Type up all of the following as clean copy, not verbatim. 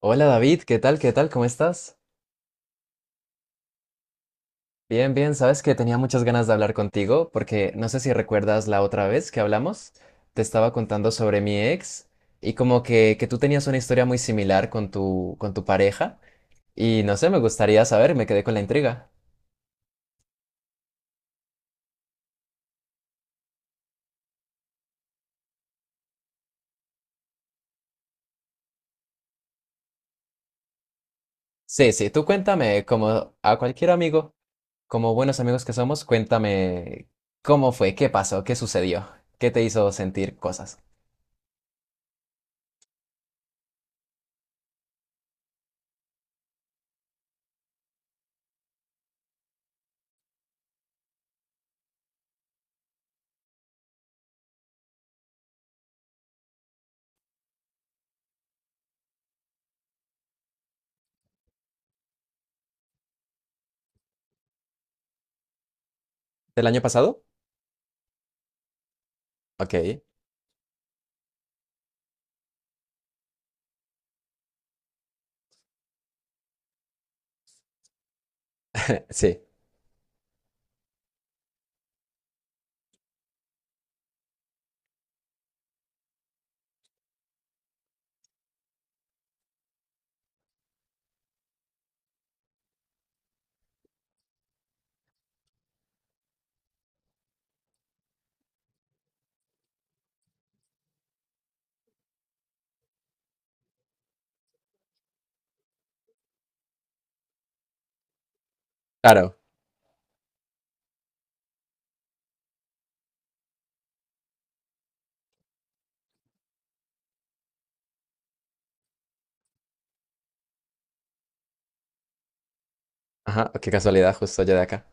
Hola David, ¿qué tal? ¿Qué tal? ¿Cómo estás? Bien, bien, sabes que tenía muchas ganas de hablar contigo porque no sé si recuerdas la otra vez que hablamos, te estaba contando sobre mi ex y como que tú tenías una historia muy similar con tu pareja y no sé, me gustaría saber, me quedé con la intriga. Sí, sí, tú cuéntame, como a cualquier amigo, como buenos amigos que somos, cuéntame cómo fue, qué pasó, qué sucedió, qué te hizo sentir cosas. ¿Del año pasado? Ok, sí, claro. Ajá, qué casualidad, justo allá de acá.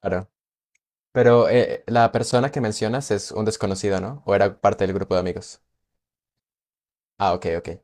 Claro. Pero la persona que mencionas es un desconocido, ¿no? ¿O era parte del grupo de amigos? Ah, ok, ok.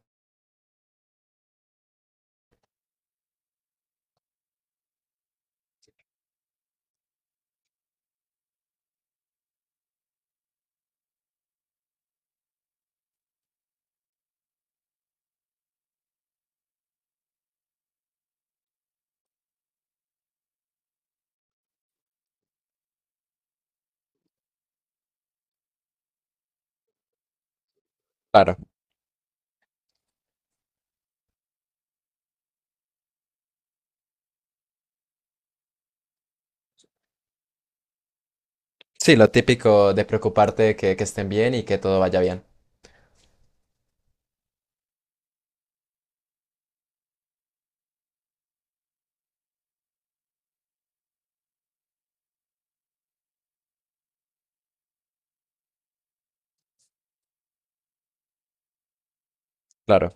Claro. Sí, lo típico de preocuparte que estén bien y que todo vaya bien. Claro,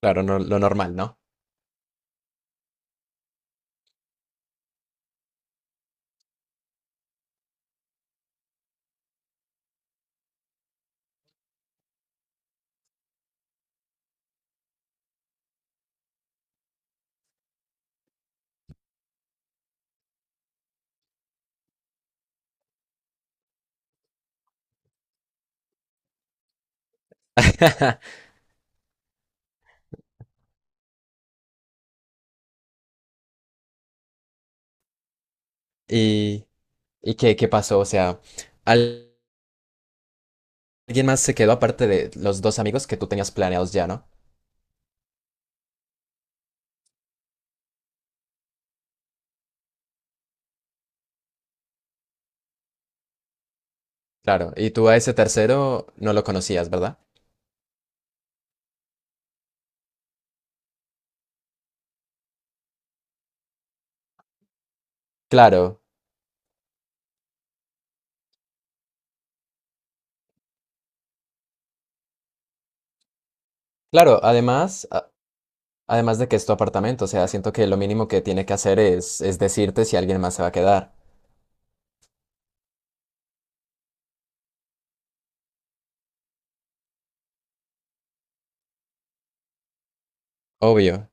claro, lo normal, ¿no? ¿Y, y qué, qué pasó? O sea, al- alguien más se quedó aparte de los dos amigos que tú tenías planeados ya, ¿no? Claro, y tú a ese tercero no lo conocías, ¿verdad? Claro, claro, además. Además de que es tu apartamento, o sea, siento que lo mínimo que tiene que hacer es decirte si alguien más se va a quedar. Obvio.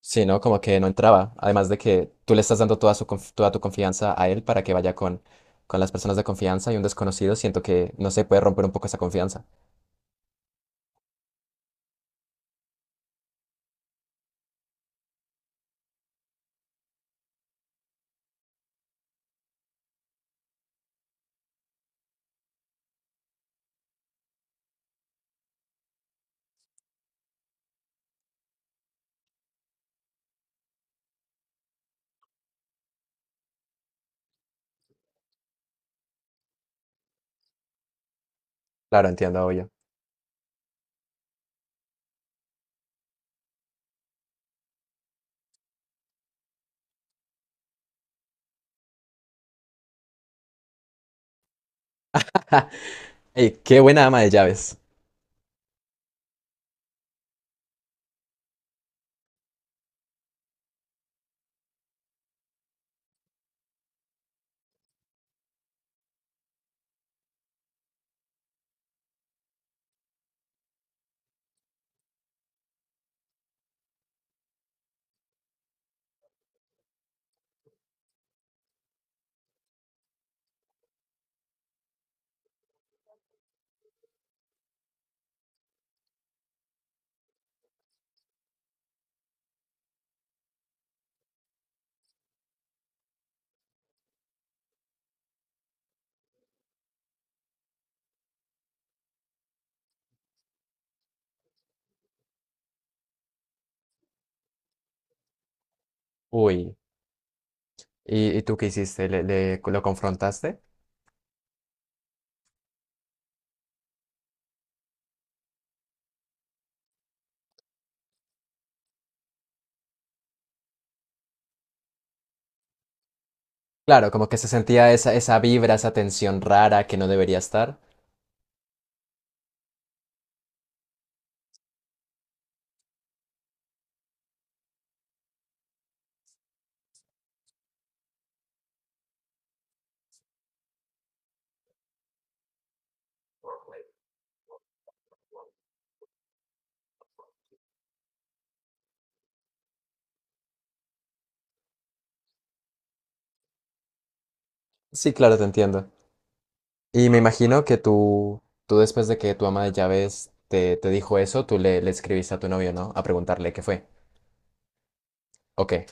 Sí, no, como que no entraba. Además de que tú le estás dando toda tu confianza a él para que vaya con las personas de confianza y un desconocido, siento que no se puede romper un poco esa confianza. Claro, entiendo, obvio. Ey, qué buena ama de llaves. Uy. Y tú qué hiciste? ¿Le, lo confrontaste? Claro, como que se sentía esa, esa vibra, esa tensión rara que no debería estar. Sí, claro, te entiendo. Y me imagino que tú después de que tu ama de llaves te dijo eso, tú le, le escribiste a tu novio, ¿no? A preguntarle qué fue. ¿O Hey?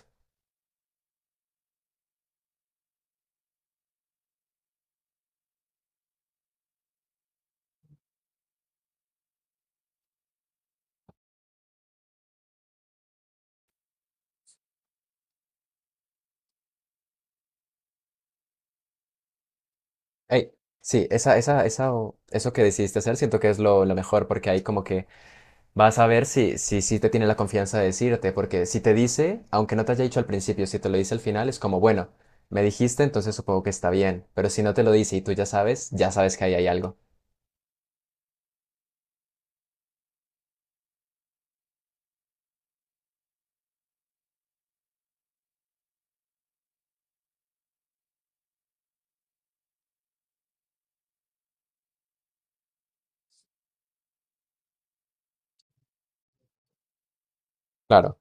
Sí, esa, eso que decidiste hacer siento que es lo mejor porque ahí como que vas a ver si, si, si te tiene la confianza de decirte, porque si te dice, aunque no te haya dicho al principio, si te lo dice al final, es como, bueno, me dijiste, entonces supongo que está bien, pero si no te lo dice y tú ya sabes que ahí hay algo. Claro.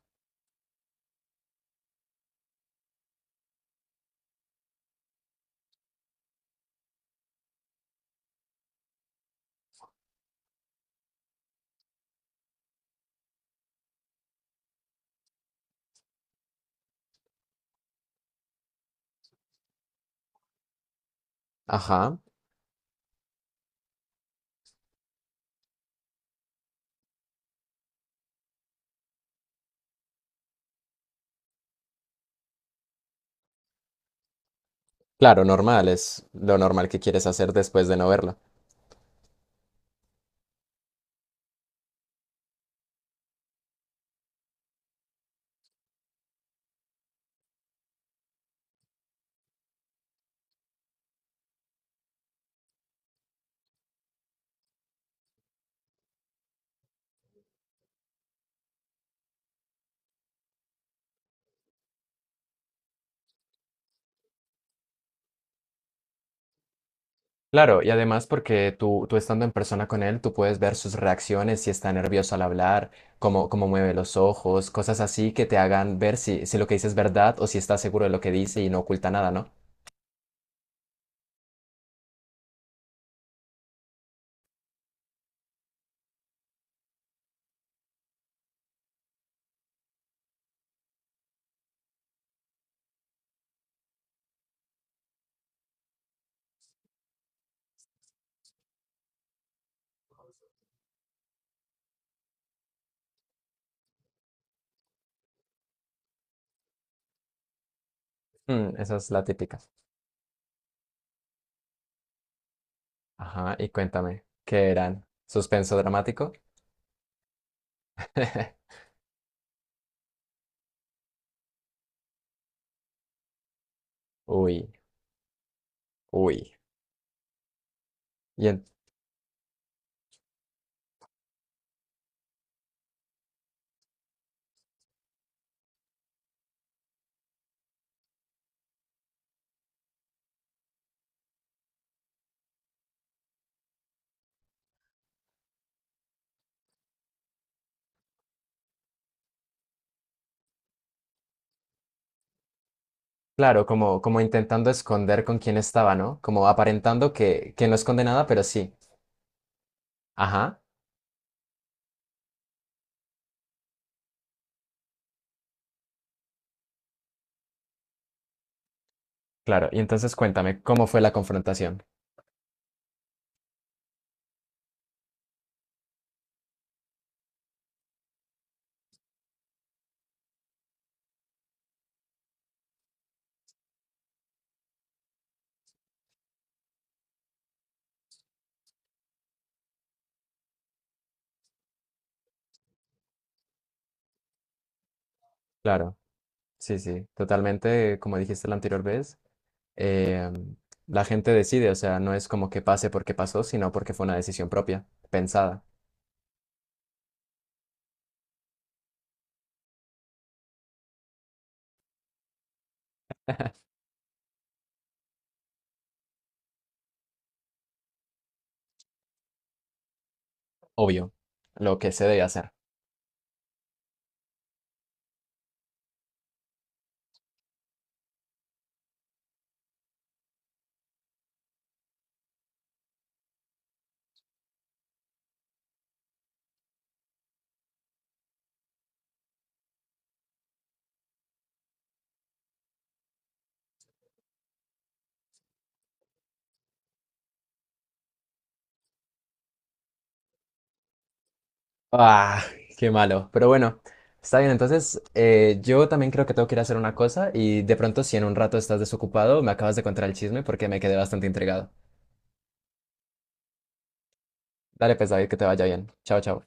Ajá. Claro, normal, es lo normal que quieres hacer después de no verlo. Claro, y además porque tú estando en persona con él, tú puedes ver sus reacciones, si está nervioso al hablar, cómo, cómo mueve los ojos, cosas así que te hagan ver si, si lo que dice es verdad o si está seguro de lo que dice y no oculta nada, ¿no? Mm, esa es la típica. Ajá, y cuéntame, ¿qué eran? ¿Suspenso dramático? Uy, uy. Y en- claro, como, como intentando esconder con quién estaba, ¿no? Como aparentando que no esconde nada, pero sí. Ajá, claro. Y entonces cuéntame, ¿cómo fue la confrontación? Claro, sí, sí, totalmente, como dijiste la anterior vez, eh, la gente decide, o sea, no es como que pase porque pasó, sino porque fue una decisión propia, pensada, obvio, lo que se debe hacer. Ah, qué malo. Pero bueno, está bien. Entonces, yo también creo que tengo que ir a hacer una cosa y de pronto, si en un rato estás desocupado, me acabas de contar el chisme porque me quedé bastante intrigado. Dale, pues, David, que te vaya bien. Chao, chao.